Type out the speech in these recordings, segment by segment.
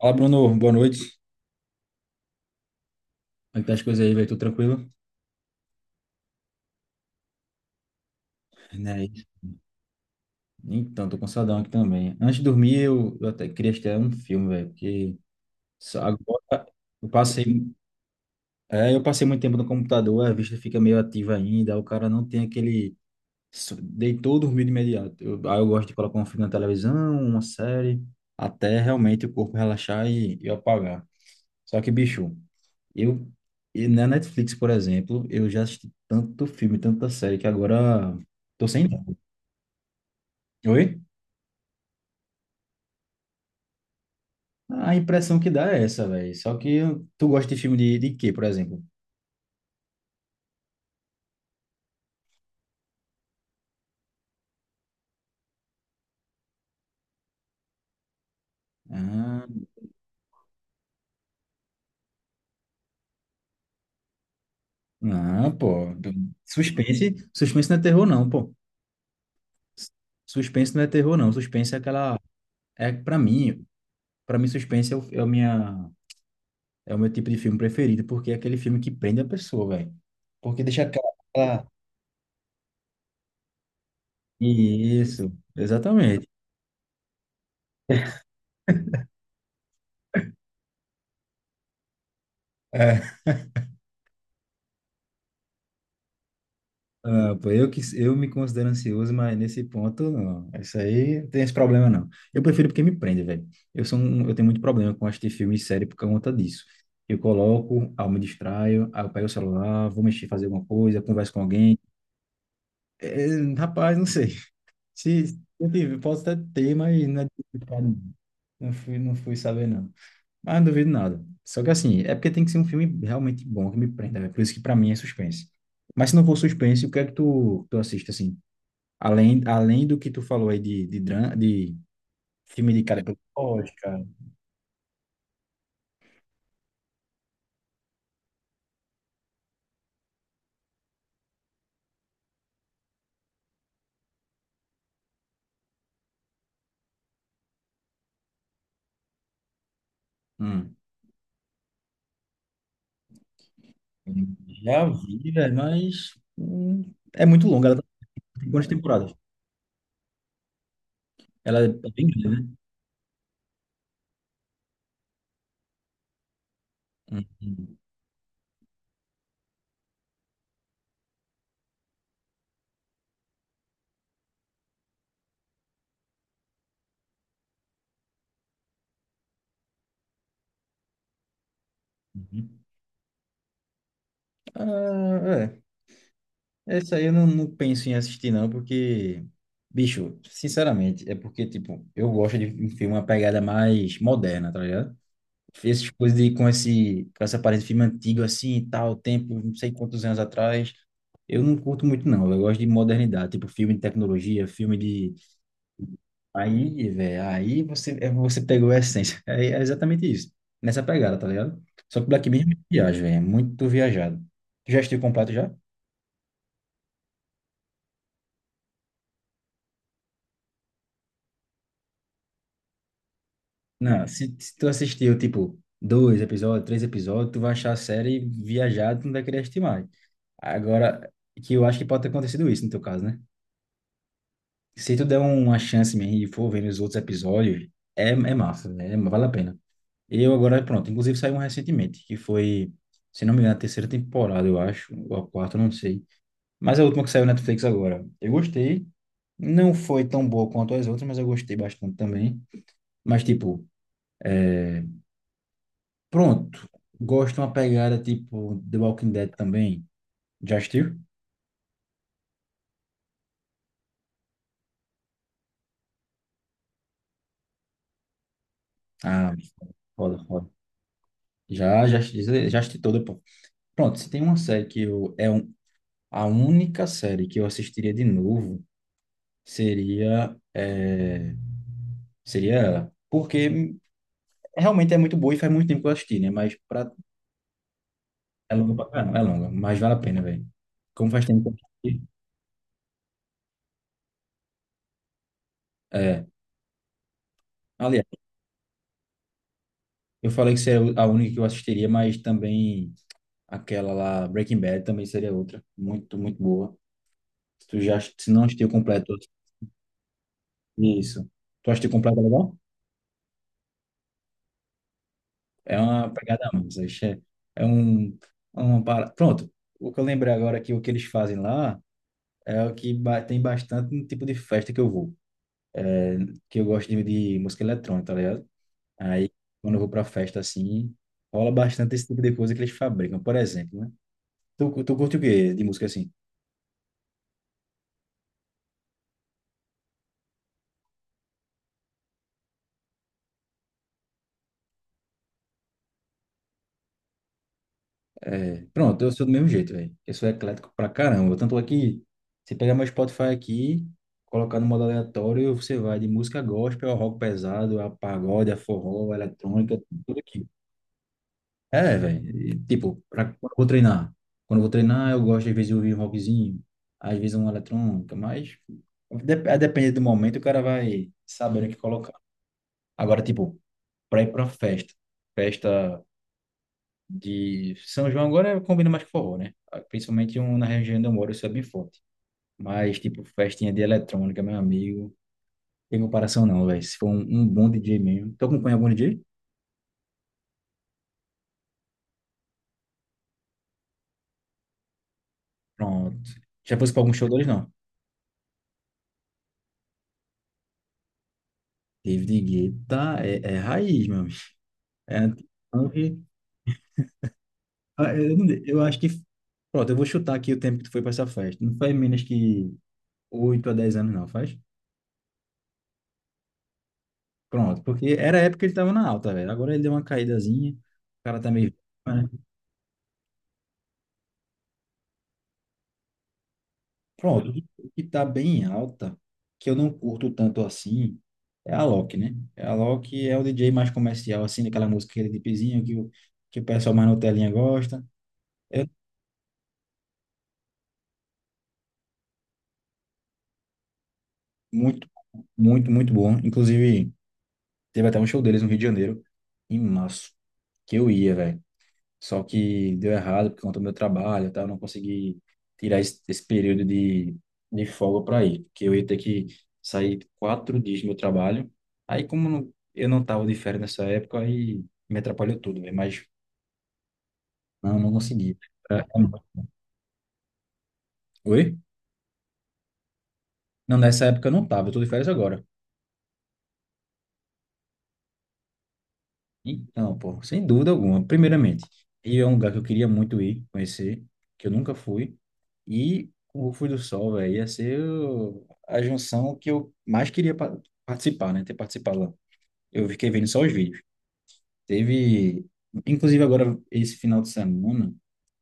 Fala, Bruno. Boa noite. Como é que tá as coisas aí, velho? Tudo tranquilo? Né? Então, tô cansadão aqui também. Antes de dormir, eu até queria assistir um filme, velho, porque só agora eu passei, eu passei muito tempo no computador, a vista fica meio ativa ainda, o cara não tem aquele... Deitou, dormiu de imediato. Eu, aí eu gosto de colocar um filme na televisão, uma série, até realmente o corpo relaxar e apagar. Só que, bicho, Eu, e na Netflix, por exemplo, eu já assisti tanto filme, tanta série, que agora tô sem tempo. Oi? A impressão que dá é essa, velho. Só que tu gosta de filme de quê, por exemplo? Ah, não, pô. Suspense não é terror, não, pô. Suspense não é terror, não. Suspense é aquela. É, pra mim, suspense é o meu tipo de filme preferido, porque é aquele filme que prende a pessoa, velho. Porque deixa aquela. aquela- Isso, exatamente. É. Ah, pô, eu, que, eu me considero ansioso, mas nesse ponto, não. Isso aí não tem esse problema, não. Eu prefiro porque me prende, velho. Eu sou um, eu tenho muito problema com assistir filme e série por conta disso. Eu coloco, aí eu me distraio, aí eu pego o celular, vou mexer, fazer alguma coisa, converso com alguém. É, rapaz, não sei. Se, posso até ter, mas não é diversificado, Não fui, não fui saber, não. Mas não duvido nada. Só que assim, é porque tem que ser um filme realmente bom que me prenda, velho. Por isso que pra mim é suspense. Mas se não for suspense, o que é que tu assiste, assim? Além, além do que tu falou aí de, dra- de filme de cara. Pois, cara, Hum. Já vi, velho, mas é muito longa, ela tem quantas temporadas? Ela é bem grande, né? Hum, hum, ah, é. Essa aí eu não penso em assistir, não, porque, bicho, sinceramente, é porque, tipo, eu gosto de um filme, uma pegada mais moderna, tá ligado? Fez essas coisas de, com essa aparência de filme antigo assim e tal, tempo, não sei quantos anos atrás. Eu não curto muito, não. Eu gosto de modernidade, tipo filme de tecnologia, filme de. Aí, velho, aí você, você pegou a essência. É, é exatamente isso. Nessa pegada, tá ligado? Só que Black Mirror é muito viagem, velho. É muito viajado. Tu já assistiu completo já? Não, se tu assistiu, tipo, dois episódios, três episódios, tu vai achar a série viajada, tu não vai querer assistir mais. Agora, que eu acho que pode ter acontecido isso no teu caso, né? Se tu der uma chance mesmo e for vendo os outros episódios, é massa, né? É, vale a pena. Eu agora, pronto, inclusive saiu um recentemente, que foi, se não me engano, a terceira temporada, eu acho, ou a quarta, não sei. Mas é a última que saiu na Netflix agora. Eu gostei, não foi tão boa quanto as outras, mas eu gostei bastante também. Mas, tipo, pronto, gosto de uma pegada tipo The Walking Dead também. Já assistiu? Ah, foda, foda. Já, já, já assisti toda, pô. Pronto, se tem uma série que eu, é um, a única série que eu assistiria de novo seria é, seria ela. Porque realmente é muito boa e faz muito tempo que eu assisti, né? Mas pra... é longa pra caramba, é longa, mas vale a pena, velho. Como faz tempo que eu assisti. É. Aliás, eu falei que seria a única que eu assistiria, mas também aquela lá, Breaking Bad, também seria outra. Muito, muito boa. Se tu já se não assistiu completo, isso. Tu assistiu completo legal? É uma pegada a mais. Isso é, é um, é uma para... Pronto, o que eu lembrei agora que o que eles fazem lá é o que tem bastante no tipo de festa que eu vou, que eu gosto de música eletrônica, tá ligado? Aí, quando eu vou pra festa assim, rola bastante esse tipo de coisa que eles fabricam, por exemplo, né? Tu curte o quê de música assim? É, pronto, eu sou do mesmo jeito, velho. Eu sou eclético pra caramba. Tanto é que você pegar meu Spotify aqui, colocar no modo aleatório, você vai de música gospel ao rock pesado, a pagode, a forró, a eletrônica, tudo aqui. É, velho. Tipo, pra, quando eu vou treinar. Quando eu vou treinar, eu gosto às vezes de ouvir um rockzinho, às vezes uma eletrônica, mas a depender do momento, o cara vai sabendo o que colocar. Agora, tipo, pra ir pra festa. Festa de São João agora combina mais com forró, né? Principalmente um, na região onde eu moro, isso é bem forte. Mas, tipo, festinha de eletrônica, meu amigo, tem comparação não, velho. Se for um, um bom DJ mesmo. Tu acompanha algum DJ? Pronto. Já fosse pra algum show deles, não? David Guetta é, é raiz, meu amigo. É, então, ah, é, eu, eu acho que... Pronto, eu vou chutar aqui o tempo que tu foi pra essa festa. Não faz menos que 8 a 10 anos, não, faz? Pronto, porque era a época que ele tava na alta, velho. Agora ele deu uma caídazinha, o cara tá meio... né? Pronto, o que está bem alta, que eu não curto tanto assim, é a Loki, né? A Loki é o DJ mais comercial, assim, daquela música aquele pizinho que o pessoal mais no telinha gosta. É muito, muito, muito bom. Inclusive, teve até um show deles no Rio de Janeiro, em março, que eu ia, velho. Só que deu errado por conta do meu trabalho, tá, eu não consegui tirar esse, esse período de folga para ir, porque eu ia ter que sair quatro dias do meu trabalho. Aí, como não- eu não tava de férias nessa época, aí me atrapalhou tudo, né? Mas não, não consegui. É, é- Oi? Não, nessa época eu não tava. Eu estou de férias agora. Então, pô, sem dúvida alguma. Primeiramente, Rio é um lugar que eu queria muito ir, conhecer, que eu nunca fui. E o Rufo do Sol, velho, ia ser a junção que eu mais queria participar, né? Ter participado lá. Eu fiquei vendo só os vídeos. Teve, inclusive agora, esse final de semana,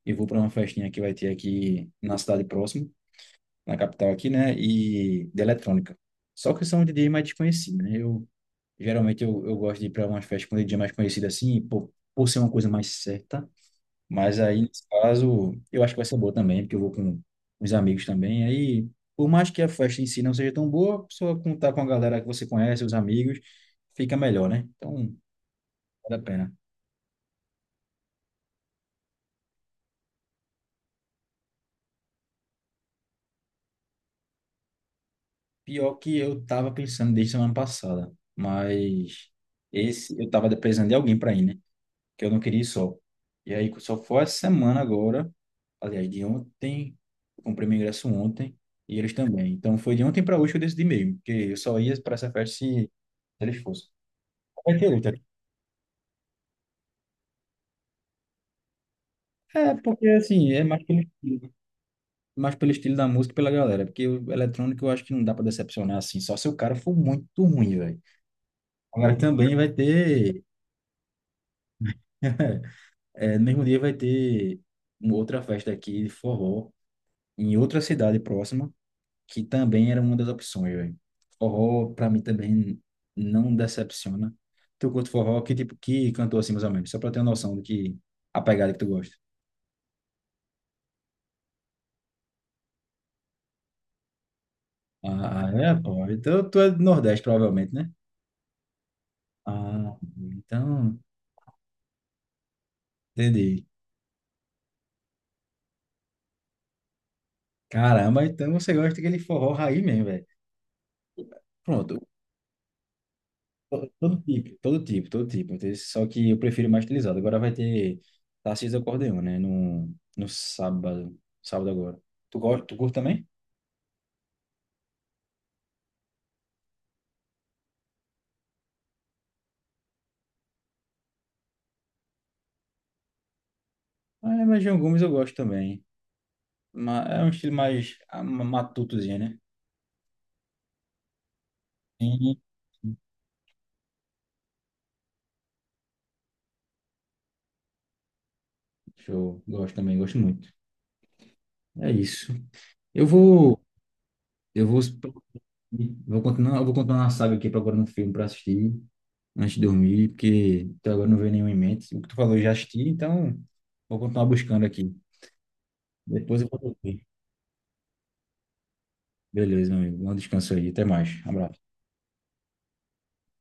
eu vou para uma festinha que vai ter aqui na cidade próxima, na capital aqui, né? E de eletrônica. Só que são um DJ mais desconhecido, né? Eu geralmente eu gosto de ir para umas festas com dia mais conhecido assim, por ser uma coisa mais certa. Mas aí, nesse caso, eu acho que vai ser boa também, porque eu vou com os amigos também. Aí, por mais que a festa em si não seja tão boa, só contar com a galera que você conhece, os amigos, fica melhor, né? Então, vale a pena. Pior que eu tava pensando desde semana passada, mas esse eu tava precisando de alguém para ir, né? Que eu não queria ir só. E aí só foi essa semana agora, aliás, de ontem, eu comprei meu ingresso ontem, e eles também. Então foi de ontem para hoje que eu decidi mesmo, porque eu só ia para essa festa se eles fossem. Vai ter outra. É, porque assim, é mais pelo estilo da música e pela galera, porque o eletrônico eu acho que não dá para decepcionar assim, só se o cara for muito ruim, velho. Agora também vai ter, é, no mesmo dia vai ter uma outra festa aqui de forró, em outra cidade próxima, que também era uma das opções, velho. Forró, pra mim, também não decepciona. Tu curte forró? Que tipo, que cantor assim, mais ou menos? Só pra eu ter uma noção do que, a pegada que tu gosta. Ah, é, pô. Então, tu é do Nordeste, provavelmente, né? Ah, então, entendi. Caramba, então você gosta daquele forró raiz mesmo, velho. Pronto, todo tipo, todo tipo, todo tipo. Só que eu prefiro mais utilizado. Agora vai ter Tarcísio do Acordeon, né? No, no sábado, sábado agora. Tu gosta, tu curte também? Ah, mas João Gomes eu gosto também. É um estilo mais ah, matutozinho, né? Sim. Show. Gosto também, gosto muito. É isso. Eu vou, eu vou, vou continuar, eu vou continuar na saga aqui procurando um filme para assistir antes de dormir, porque até agora não veio nenhum em mente. O que tu falou eu já assisti, então vou continuar buscando aqui. Depois eu vou dormir. Beleza, meu amigo. Um descanso aí. Até mais. Abraço.